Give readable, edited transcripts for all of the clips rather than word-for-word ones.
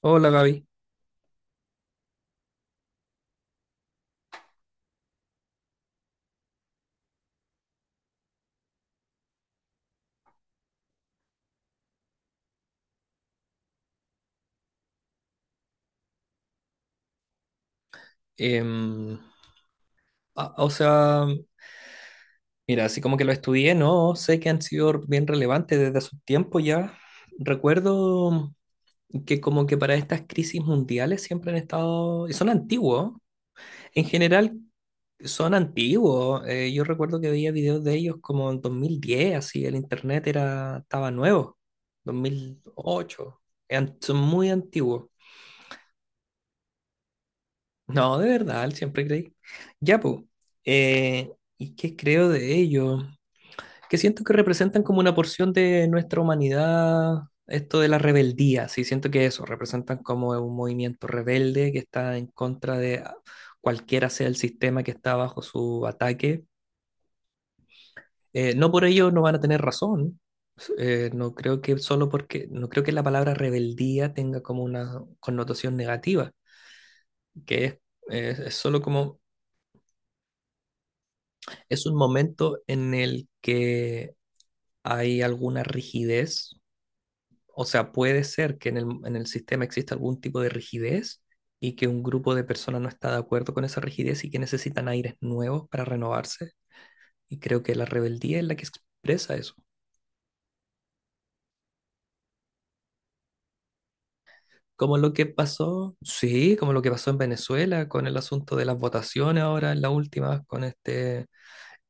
Hola Gaby. Em, o sea, mira, así como que lo estudié, no, sé que han sido bien relevantes desde hace un tiempo ya. Recuerdo que como que para estas crisis mundiales siempre han estado, y son antiguos, en general son antiguos. Yo recuerdo que veía videos de ellos como en 2010, así el internet era, estaba nuevo, 2008. Son muy antiguos. No, de verdad, él siempre creí. Ya, pues. eh, ¿Y qué creo de ello? Que siento que representan como una porción de nuestra humanidad, esto de la rebeldía, sí, siento que eso, representan como un movimiento rebelde que está en contra de cualquiera sea el sistema que está bajo su ataque. No por ello no van a tener razón. No creo que solo porque, no creo que la palabra rebeldía tenga como una connotación negativa, que es, es solo como es un momento en el que hay alguna rigidez, o sea, puede ser que en el sistema exista algún tipo de rigidez y que un grupo de personas no está de acuerdo con esa rigidez y que necesitan aires nuevos para renovarse. Y creo que la rebeldía es la que expresa eso. Como lo que pasó, sí, como lo que pasó en Venezuela con el asunto de las votaciones ahora en la última, con este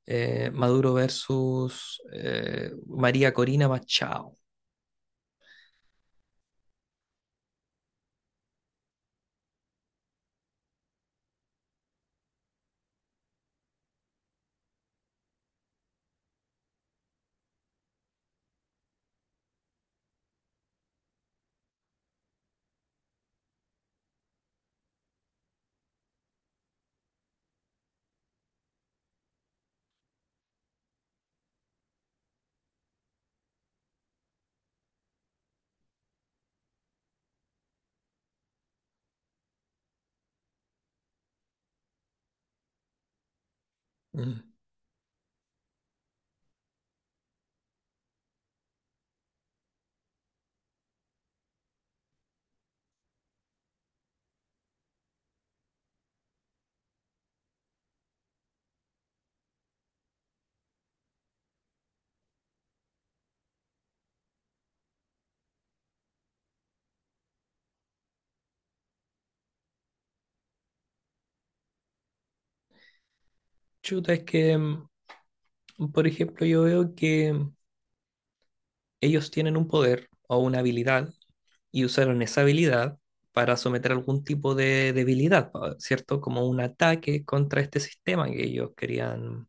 Maduro versus María Corina Machado. Mm. Chuta, es que por ejemplo, yo veo que ellos tienen un poder o una habilidad y usaron esa habilidad para someter algún tipo de debilidad, ¿cierto? Como un ataque contra este sistema que ellos querían,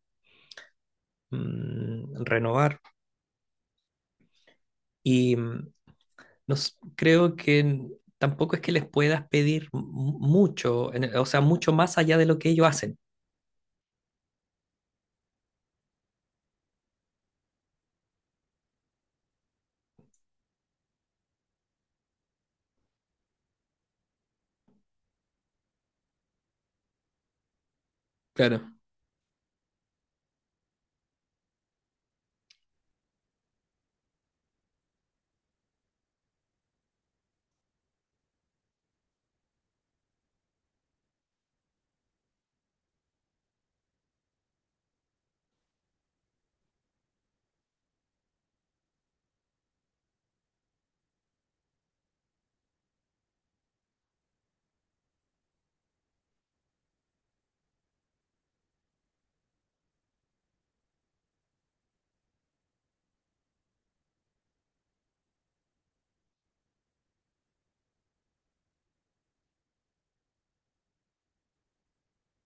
renovar. Y no s- creo que tampoco es que les puedas pedir mucho, o sea, mucho más allá de lo que ellos hacen. Claro,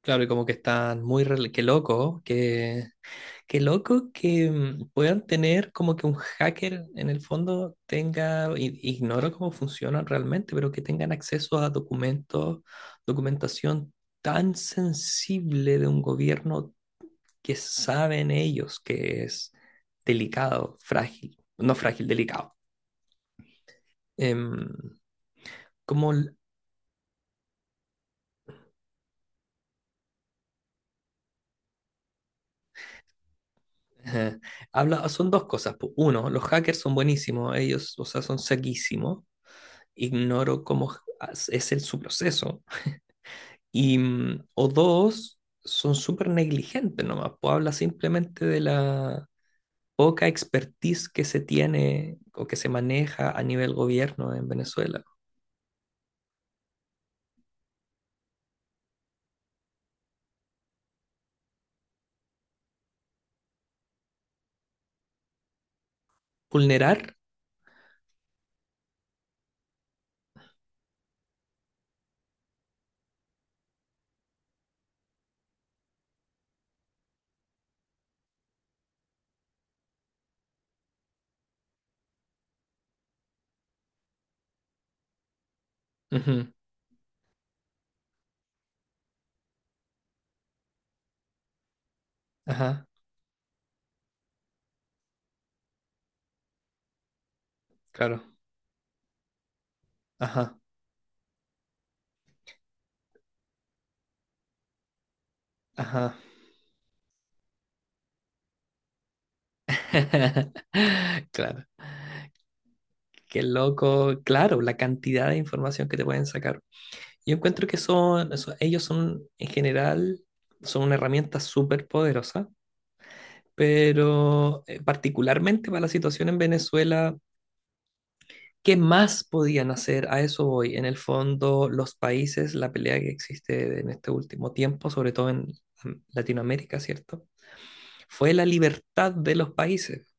claro, y como que están muy, qué loco, que qué loco que puedan tener como que un hacker en el fondo tenga, ignoro cómo funcionan realmente, pero que tengan acceso a documentos, documentación tan sensible de un gobierno que saben ellos que es delicado, frágil, no frágil, delicado. Em, como l- eh, habla, son dos cosas, po. Uno, los hackers son buenísimos, ellos, o sea, son saquísimos. Ignoro cómo es el, su proceso. Y, o dos, son súper negligentes nomás, pues habla simplemente de la poca expertise que se tiene o que se maneja a nivel gobierno en Venezuela. Vulnerar. Ujú. Ajá, claro. Ajá, ajá. Claro. Qué loco. Claro, la cantidad de información que te pueden sacar. Yo encuentro que son, ellos son, en general, son una herramienta súper poderosa. Pero particularmente para la situación en Venezuela, ¿qué más podían hacer? A eso voy. En el fondo, los países, la pelea que existe en este último tiempo, sobre todo en Latinoamérica, ¿cierto? Fue la libertad de los países.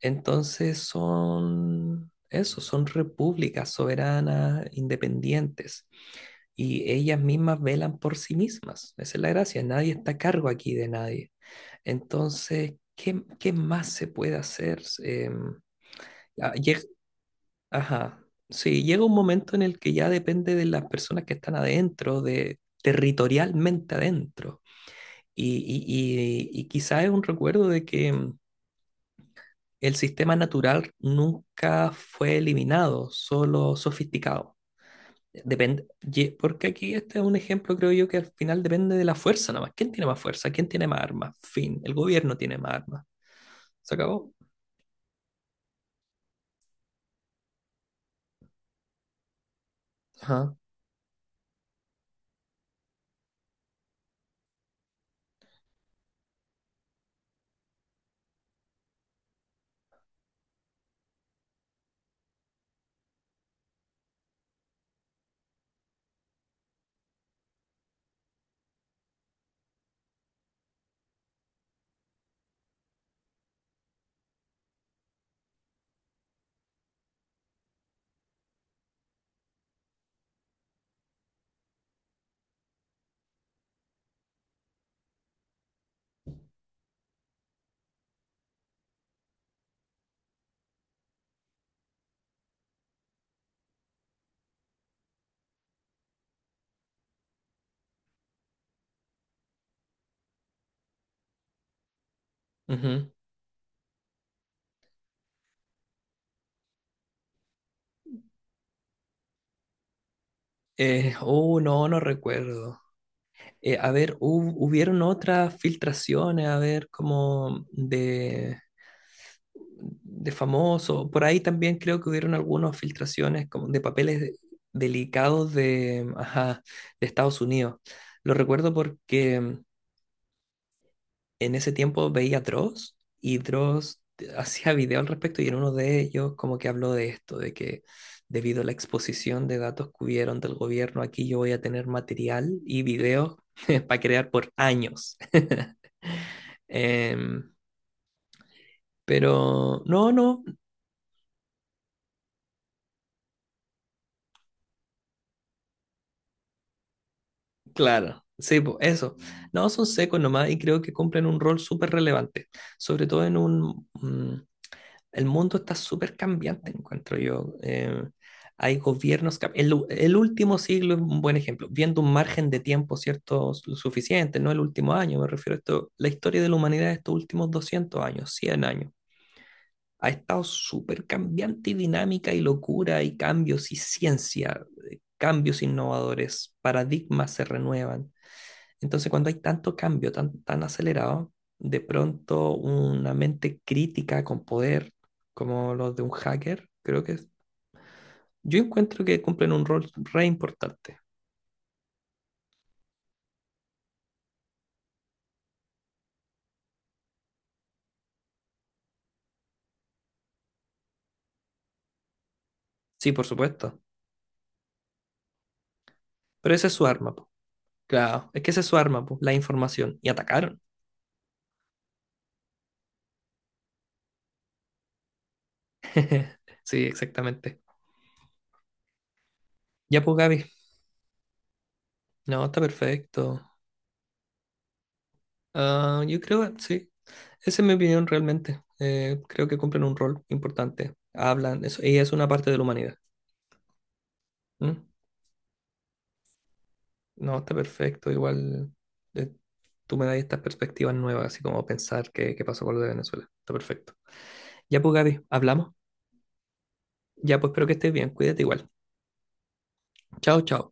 Entonces son eso, son repúblicas soberanas, independientes, y ellas mismas velan por sí mismas. Esa es la gracia, nadie está a cargo aquí de nadie. Entonces, ¿qué más se puede hacer? Ah, lleg- ajá, sí, llega un momento en el que ya depende de las personas que están adentro, de territorialmente adentro. Y, quizá es un recuerdo de que el sistema natural nunca fue eliminado, solo sofisticado. Depende, porque aquí este es un ejemplo, creo yo, que al final depende de la fuerza nada más. ¿Quién tiene más fuerza? ¿Quién tiene más armas? Fin, el gobierno tiene más armas. ¿Se acabó? Ajá. Ujú. No, no recuerdo. A ver, hubieron otras filtraciones, a ver, como de famoso. Por ahí también creo que hubieron algunas filtraciones como de papeles delicados de, ajá, de Estados Unidos. Lo recuerdo porque en ese tiempo veía a Dross y Dross hacía video al respecto y en uno de ellos como que habló de esto, de que debido a la exposición de datos que hubieron del gobierno, aquí yo voy a tener material y videos para crear por años. Em, pero no, no, claro, sí, po, eso. No, son secos nomás y creo que cumplen un rol súper relevante, sobre todo en un, el mundo está súper cambiante, encuentro yo. Hay gobiernos, el último siglo es un buen ejemplo, viendo un margen de tiempo, ¿cierto? Suficiente, no el último año, me refiero a esto, la historia de la humanidad de estos últimos 200 años, 100 años, ha estado súper cambiante y dinámica y locura y cambios y ciencia, cambios innovadores, paradigmas se renuevan. Entonces, cuando hay tanto cambio tan, tan acelerado, de pronto una mente crítica con poder, como los de un hacker, creo que yo encuentro que cumplen un rol re importante. Sí, por supuesto. Pero esa es su arma, po. Claro, es que esa es su arma, po, la información. Y atacaron. Sí, exactamente. Ya, pues, Gaby. No, está perfecto. Ah, yo creo, sí. Esa es mi opinión realmente. Creo que cumplen un rol importante. Hablan, eso, ella es una parte de la humanidad. ¿Mm? No, está perfecto. Igual eh, tú me das estas perspectivas nuevas, así como pensar qué pasó con lo de Venezuela. Está perfecto. Ya pues, Gaby, hablamos. Ya pues, espero que estés bien. Cuídate igual. Chao, chao.